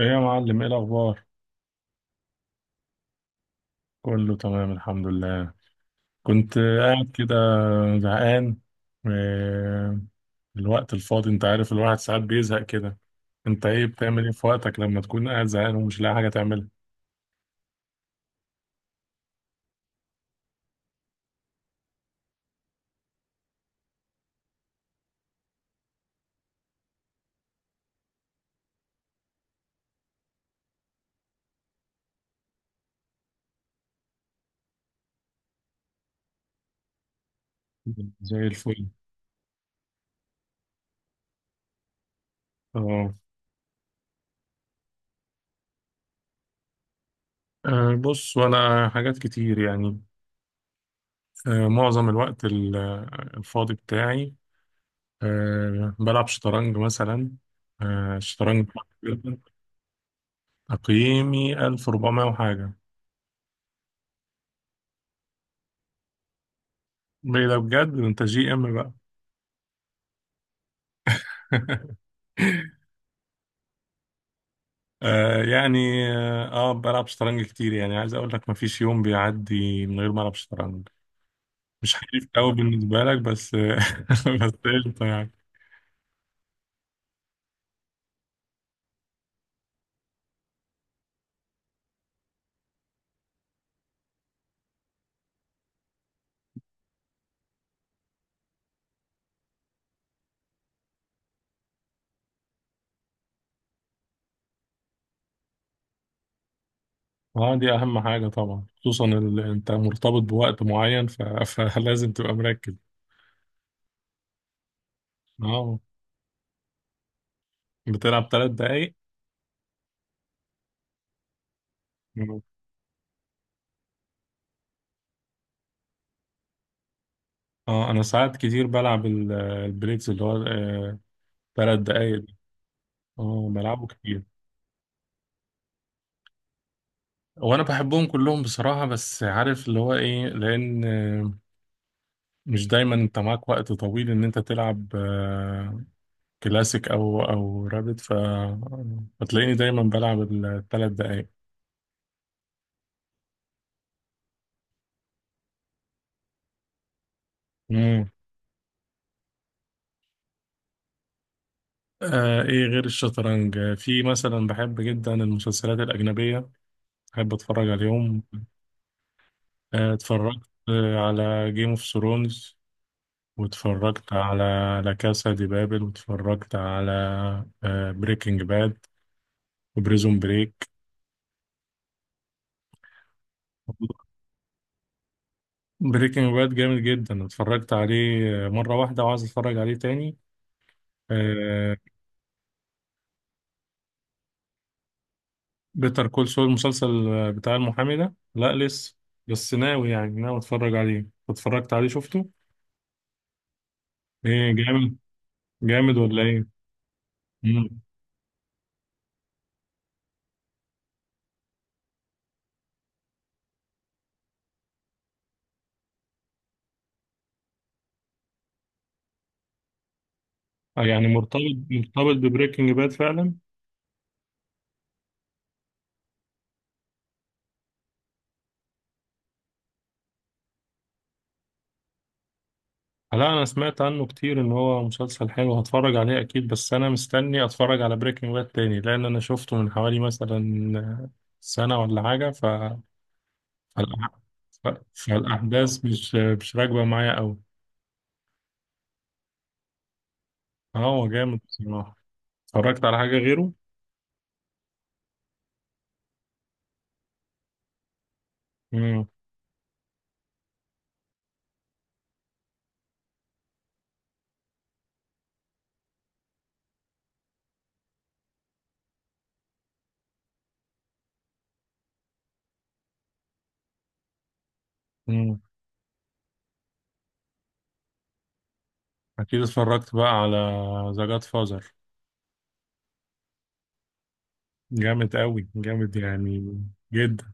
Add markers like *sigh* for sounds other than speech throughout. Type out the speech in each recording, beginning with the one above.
ايه يا معلم، ايه الاخبار؟ كله تمام، الحمد لله. كنت قاعد كده زهقان، آه، الوقت الفاضي انت عارف، الواحد ساعات بيزهق كده. انت ايه بتعمل، ايه في وقتك لما تكون قاعد زهقان ومش لاقي حاجه تعملها؟ زي الفل. اه، بص، وانا حاجات كتير يعني. معظم الوقت الفاضي بتاعي، بلعب شطرنج مثلا. الشطرنج تقييمي 1400 وحاجه. ده بجد، ده انت جي ام بقى. *laughs* يعني بلعب شطرنج كتير، يعني عايز اقول لك مفيش يوم بيعدي من غير ما العب شطرنج. مش حريف قوي بالنسبه لك بس *laughs* بس. قشطه يعني. اه، دي اهم حاجه طبعا، خصوصا انت مرتبط بوقت معين *laughs* فلازم تبقى مركز. اه، بتلعب ثلاث دقايق. اه انا ساعات كتير بلعب البريكس اللي هو ثلاث دقايق دي. اه بلعبه كتير. وانا بحبهم كلهم بصراحة، بس عارف اللي هو ايه، لان مش دايما انت معاك وقت طويل ان انت تلعب كلاسيك او رابد، فتلاقيني دايما بلعب الثلاث دقايق. مم. ايه غير الشطرنج؟ في مثلا بحب جدا المسلسلات الأجنبية، بحب اتفرج عليهم. اتفرجت على جيم اوف ثرونز، واتفرجت على لا كاسا دي بابل، واتفرجت على بريكنج باد وبريزون بريك. بريكنج باد جامد جدا، اتفرجت عليه مرة واحدة وعايز اتفرج عليه تاني. آه، بيتر كول سول، المسلسل بتاع المحامي ده، لا لسه، بس ناوي يعني ناوي اتفرج عليه. اتفرجت عليه، شفته؟ ايه، جامد جامد ولا ايه؟ مم. يعني مرتبط، مرتبط ببريكنج باد فعلا. لا، انا سمعت عنه كتير ان هو مسلسل حلو، هتفرج عليه اكيد، بس انا مستني اتفرج على بريكنج باد تاني، لان انا شفته من حوالي مثلا سنة ولا حاجة، فالأح- ف- فالأحداث مش راكبة معايا أوي. اه، هو جامد بصراحة. اتفرجت على حاجة غيره؟ مم. مم. أكيد اتفرجت بقى على ذا جاد فازر. جامد أوي، جامد يعني جدا.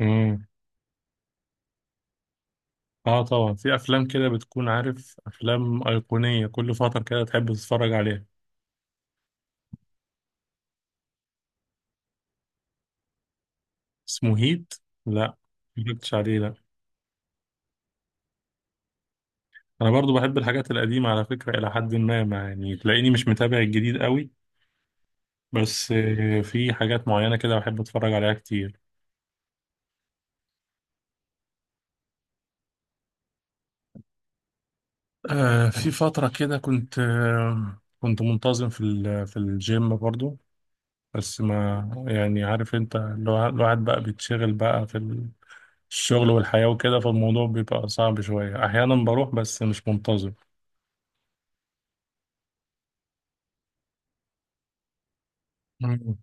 مم. اه طبعا، في أفلام كده بتكون عارف، أفلام أيقونية كل فترة كده تحب تتفرج عليها. اسمه هيت؟ لا، مجبتش عليه، لا. أنا برضو بحب الحاجات القديمة على فكرة، إلى حد ما يعني تلاقيني مش متابع الجديد أوي، بس في حاجات معينة كده بحب أتفرج عليها كتير. في فترة كده كنت كنت منتظم في في الجيم برضو، بس ما يعني عارف أنت الواحد بقى بيتشغل بقى في الشغل والحياة وكده، فالموضوع بيبقى صعب شوية، أحيانا بروح بس مش منتظم. مم.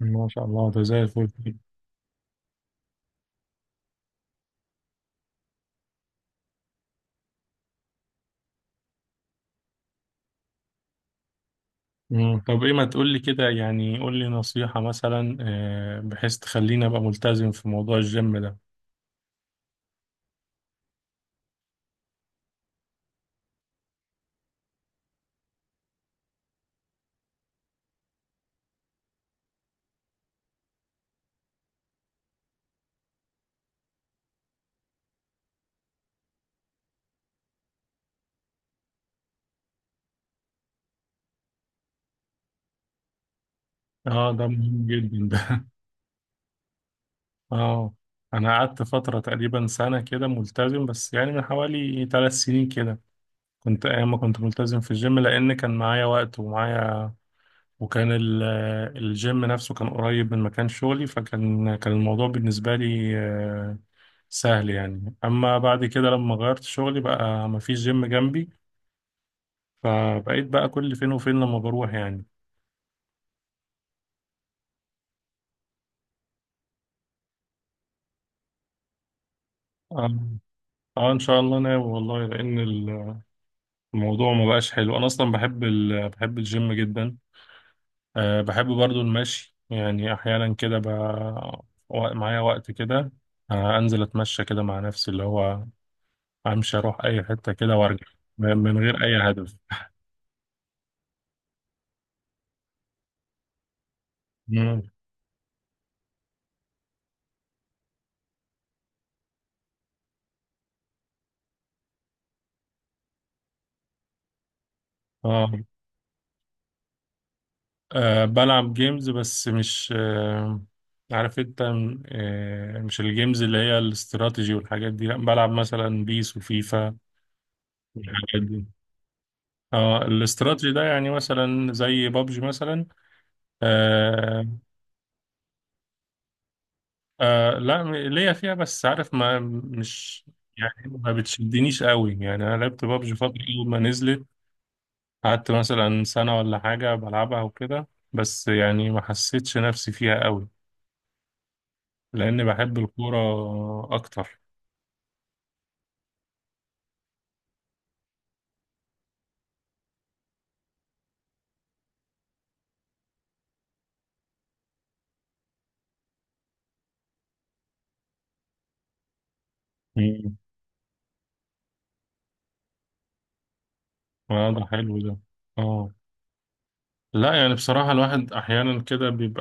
ما شاء الله، ده زي الفل. مم. طب إيه، ما تقولي كده، يعني قولي نصيحة مثلا بحيث تخليني أبقى ملتزم في موضوع الجيم ده. اه، ده مهم جدا. اه، انا قعدت فتره تقريبا سنه كده ملتزم، بس يعني من حوالي ثلاث سنين كده كنت، ايام ما كنت ملتزم في الجيم، لان كان معايا وقت ومعايا، وكان ال- الجيم نفسه كان قريب من مكان شغلي، فكان الموضوع بالنسبه لي سهل يعني. اما بعد كده لما غيرت شغلي بقى مفيش جيم جنبي، فبقيت بقى كل فين وفين لما بروح يعني. اه. اه ان شاء الله، ناوي والله لان الموضوع ما بقاش حلو، انا اصلا بحب بحب الجيم جدا. أه بحب برضو المشي، يعني أحيانا كده معايا وقت كده، أه أنزل أتمشى كده مع نفسي، اللي هو أمشي أروح أي حتة كده وأرجع، من غير أي هدف. مم. أه أه، بلعب جيمز، بس مش عارف أنت م- أه مش الجيمز اللي هي الاستراتيجي والحاجات دي، لأ، بلعب مثلا بيس وفيفا والحاجات دي. اه الاستراتيجي ده، يعني مثلا زي بابجي مثلا. آه، لا، ليا فيها، بس عارف ما مش يعني، ما بتشدنيش قوي يعني. انا لعبت بابجي فترة اول ما نزلت، قعدت مثلا سنة ولا حاجة بلعبها وكده، بس يعني ما حسيتش نفسي فيها قوي لاني بحب الكورة اكتر. امم ده حلو ده. اه. لا يعني بصراحة، الواحد احيانا كده بيبقى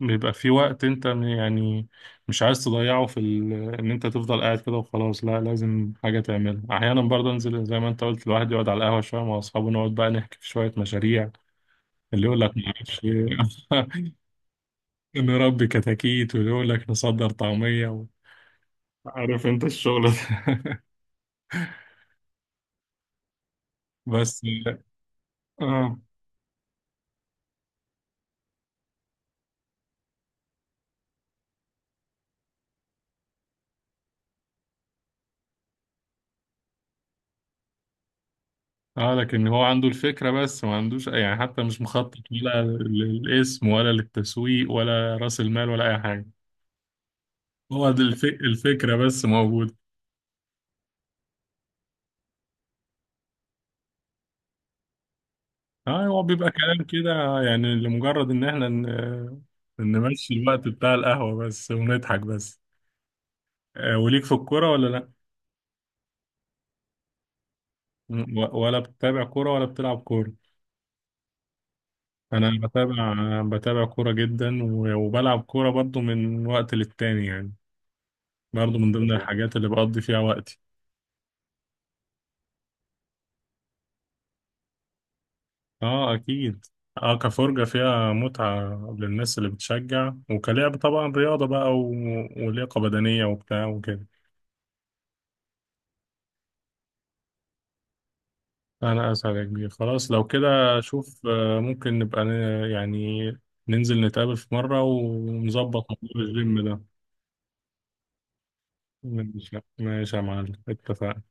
بيبقى في وقت انت يعني مش عايز تضيعه في ان انت تفضل قاعد كده وخلاص، لا لازم حاجة تعملها، احيانا برضه انزل زي ما انت قلت، الواحد يقعد على القهوة شوية مع اصحابه، نقعد بقى نحكي في شوية مشاريع، اللي يقول لك معرفش ايه، *laughs* نربي كتاكيت، واللي يقول لك نصدر طعمية عارف انت الشغل ده. *laughs* بس. اه. اه لكن هو عنده الفكرة، بس ما عندوش يعني، حتى مش مخطط ولا للاسم ولا للتسويق ولا رأس المال ولا اي حاجة. هو ده الفكرة بس موجودة. اه، هو بيبقى كلام كده، يعني لمجرد ان احنا نمشي الوقت بتاع القهوة بس، ونضحك بس. وليك في الكورة ولا لا؟ ولا بتتابع كورة ولا بتلعب كورة؟ انا بتابع، بتابع كورة جدا، وبلعب كورة برضو من وقت للتاني يعني، برضو من ضمن والله الحاجات اللي بقضي فيها وقتي. اه اكيد. اه كفرجة فيها متعة للناس اللي بتشجع، وكلعب طبعا رياضة بقى ولياقة بدنية وبتاع وكده. أنا أسعد يا كبير، خلاص لو كده شوف، ممكن نبقى يعني ننزل نتقابل في مرة ونظبط موضوع الجيم ده. ماشي ماشي يا معلم، اتفقنا.